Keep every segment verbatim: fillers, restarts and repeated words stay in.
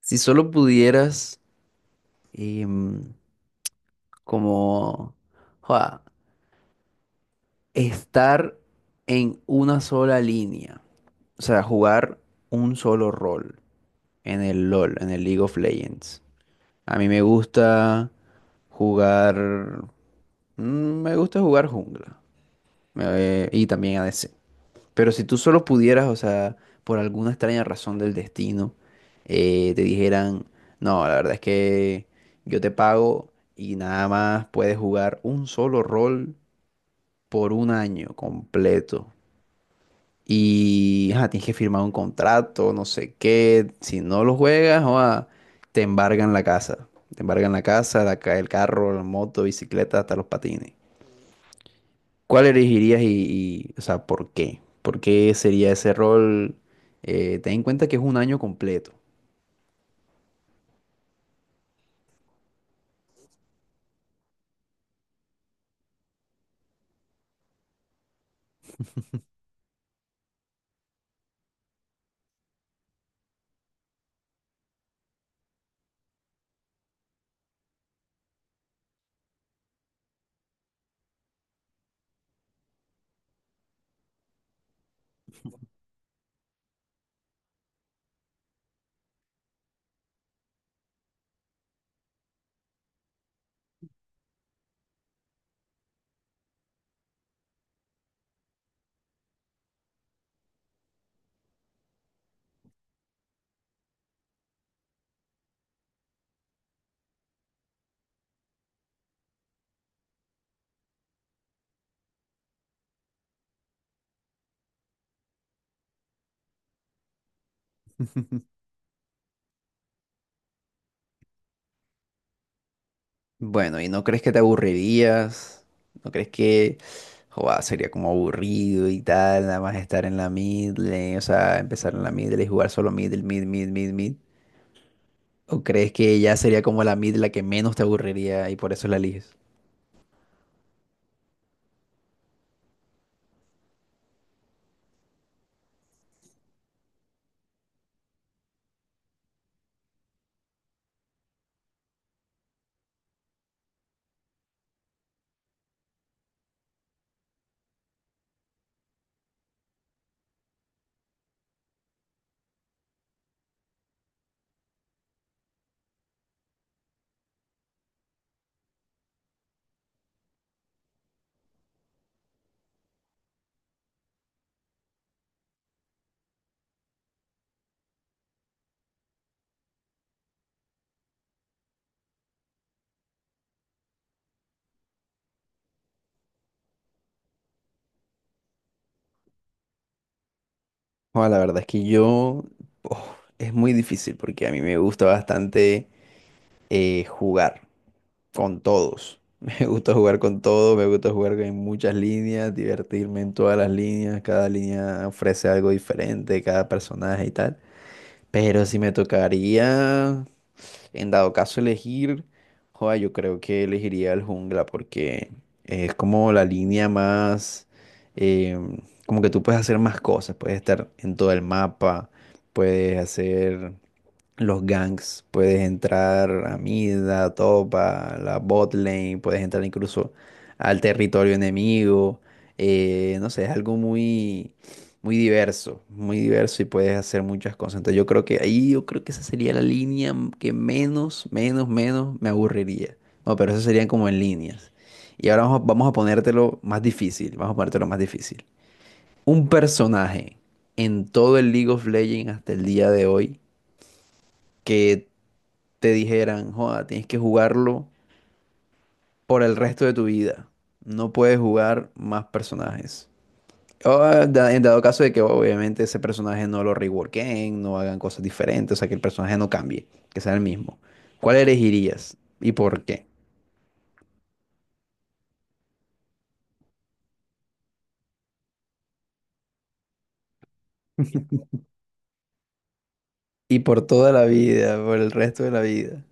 Si solo pudieras em, como joda, estar en una sola línea, o sea, jugar un solo rol en el L O L, en el League of Legends. A mí me gusta jugar, mm, me gusta jugar jungla me- y también A D C. Pero si tú solo pudieras, o sea, por alguna extraña razón del destino, eh, te dijeran, no, la verdad es que yo te pago y nada más puedes jugar un solo rol por un año completo. Y ajá, tienes que firmar un contrato, no sé qué. Si no lo juegas, joa, te embargan la casa. Te embargan la casa, la ca- el carro, la moto, bicicleta, hasta los patines. ¿Cuál elegirías y, y, o sea, por qué? ¿Por qué sería ese rol? Eh, ten en cuenta que es un año completo. Bueno, ¿y no crees que te aburrirías? ¿No crees que joa, sería como aburrido y tal, nada más estar en la mid lane, o sea, empezar en la mid lane y jugar solo mid, mid, mid, mid, mid? ¿O crees que ya sería como la mid la que menos te aburriría y por eso la eliges? Joa, la verdad es que yo, oh, es muy difícil porque a mí me gusta bastante eh, jugar con todos. Me gusta jugar con todo, me gusta jugar en muchas líneas, divertirme en todas las líneas, cada línea ofrece algo diferente, cada personaje y tal. Pero si me tocaría, en dado caso elegir, joda, yo creo que elegiría el jungla porque es como la línea más, em, como que tú puedes hacer más cosas, puedes estar en todo el mapa, puedes hacer los ganks, puedes entrar a mid, a top, a la bot lane, puedes entrar incluso al territorio enemigo. Eh, no sé, es algo muy, muy diverso, muy diverso y puedes hacer muchas cosas. Entonces yo creo que ahí yo creo que esa sería la línea m- que menos, menos, menos me aburriría. No, pero eso serían como en líneas. Y ahora vamos a, vamos a ponértelo más difícil, vamos a ponértelo más difícil. Un personaje en todo el League of Legends hasta el día de hoy que te dijeran, joda, tienes que jugarlo por el resto de tu vida. No puedes jugar más personajes. O, eh, da- en dado caso de que obviamente ese personaje no lo reworken, no hagan cosas diferentes, o sea, que el personaje no cambie, que sea el mismo. ¿Cuál elegirías y por qué? Y por toda la vida, por el resto de la vida.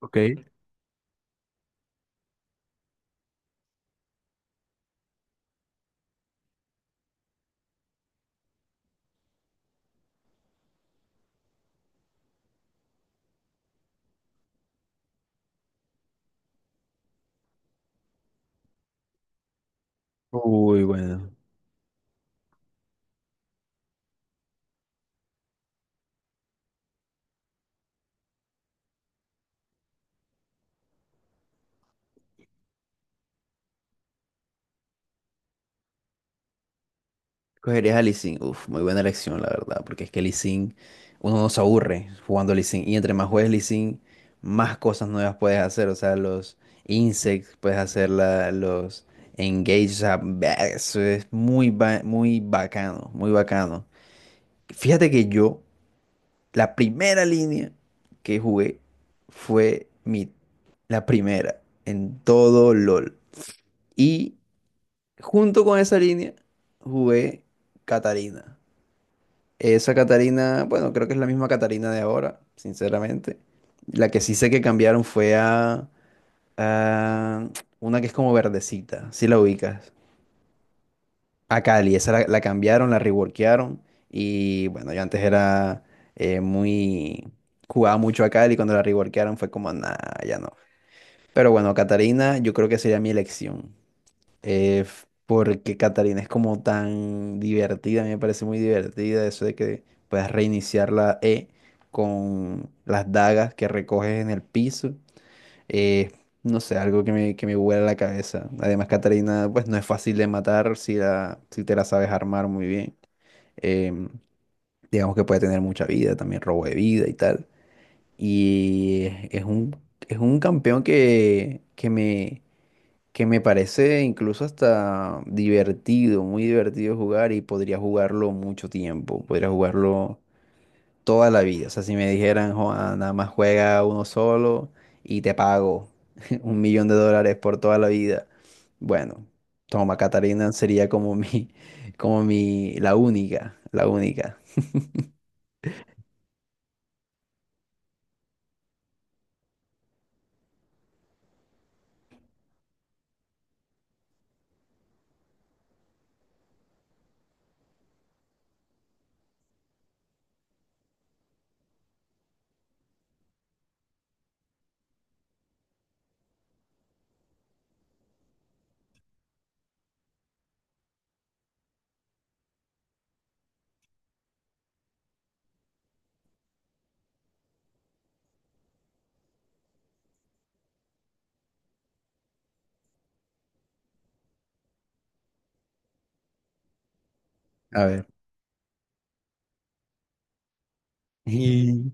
Ok. Uy, bueno. Cogerías a Lee Sin. Uf, muy buena elección, la verdad, porque es que Lee Sin, uno no se aburre jugando Lee Sin. Y entre más juegues Lee Sin, más cosas nuevas puedes hacer. O sea, los insects, puedes hacer la- los engage. O sea, ve- eso es muy, ba- muy bacano, muy bacano. Fíjate que yo, la primera línea que jugué fue mi, la primera en todo L O L. Y junto con esa línea, jugué Catarina. Esa Catarina, bueno, creo que es la misma Catarina de ahora, sinceramente. La que sí sé que cambiaron fue a, a una que es como verdecita, si la ubicas. A Cali, esa la, la cambiaron, la reworkearon. Y bueno, yo antes era eh, muy... Jugaba mucho a Cali, cuando la reworkearon fue como, nada, ya no. Pero bueno, Catarina yo creo que sería mi elección eh, f- porque Catarina es como tan divertida, a mí me parece muy divertida eso de que puedas reiniciar la E con las dagas que recoges en el piso. eh, no sé, algo que me, que me vuela la cabeza. Además, Catarina, pues no es fácil de matar si, la, si te la sabes armar muy bien. Em, digamos que puede tener mucha vida, también robo de vida y tal. Y es un, es un campeón que, que me que me parece incluso hasta divertido, muy divertido jugar y podría jugarlo mucho tiempo, podría jugarlo toda la vida. O sea, si me dijeran, "Joa, nada más juega uno solo y te pago un millón de dólares por toda la vida. Bueno, toma, Catarina sería como mi, como mi, la única, la única. A ver. Y-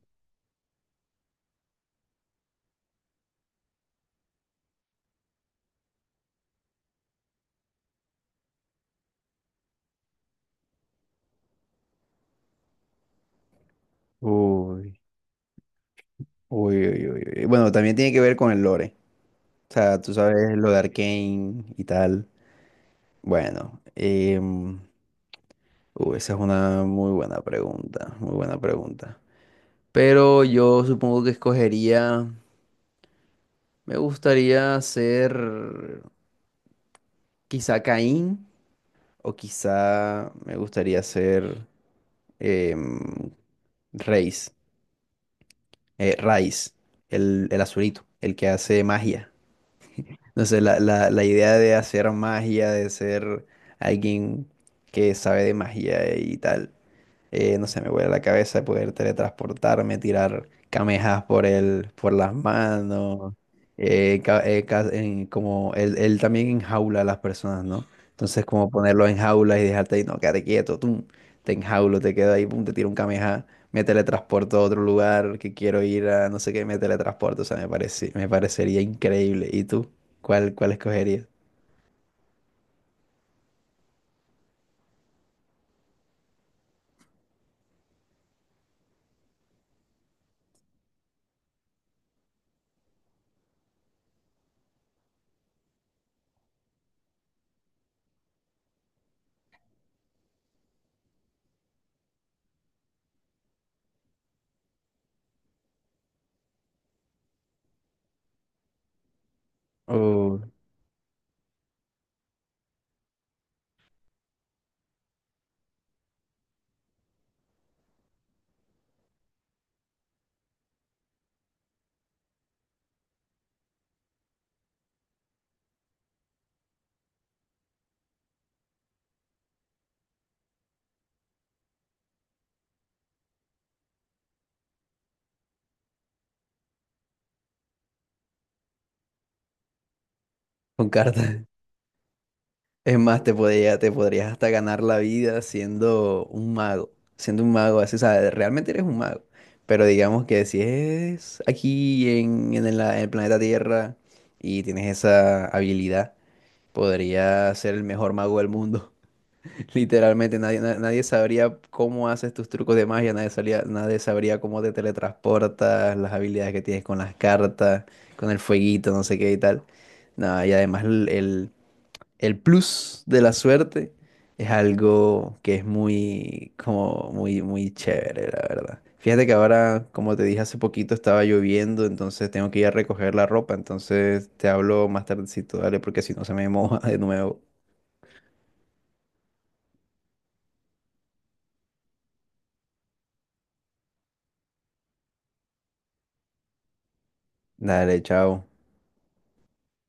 Uy, uy, uy, uy, uy. Bueno, también tiene que ver con el lore. O sea, tú sabes lo de Arcane y tal. Bueno, em, uh, esa es una muy buena pregunta, muy buena pregunta. Pero yo supongo que escogería, me gustaría ser quizá Caín o quizá me gustaría ser em, Reis, eh, Raiz, el, el azulito, el que hace magia. No sé, la, la, la idea de hacer magia, de ser alguien que sabe de magia y tal. Eh, no sé, me vuela la cabeza poder teletransportarme, tirar camejas por el, por las manos, eh, ca- eh, ca- en- como él, él también enjaula a las personas, ¿no? Entonces como ponerlo en jaula y dejarte ahí, no, quédate quieto, tú, te enjaulo, te quedo ahí, pum, te tiro un cameja, me teletransporto a otro lugar que quiero ir a, no sé qué, me teletransporto, o sea, me parece, me parecería increíble. ¿Y tú? ¿Cuál, cuál escogerías? Uh, con cartas. Es más, te podría, te podrías hasta ganar la vida siendo un mago, siendo un mago, así, o sea, realmente eres un mago, pero digamos que si es aquí en, en el, en el planeta Tierra y tienes esa habilidad, podrías ser el mejor mago del mundo. Literalmente nadie, na- nadie sabría cómo haces tus trucos de magia, nadie sabría, nadie sabría cómo te teletransportas, las habilidades que tienes con las cartas, con el fueguito, no sé qué y tal. No, y además el, el- el plus de la suerte es algo que es muy, como, muy, muy chévere, la verdad. Fíjate que ahora, como te dije hace poquito, estaba lloviendo, entonces tengo que ir a recoger la ropa, entonces te hablo más tardecito, dale, porque si no se me moja de nuevo. Dale, chao.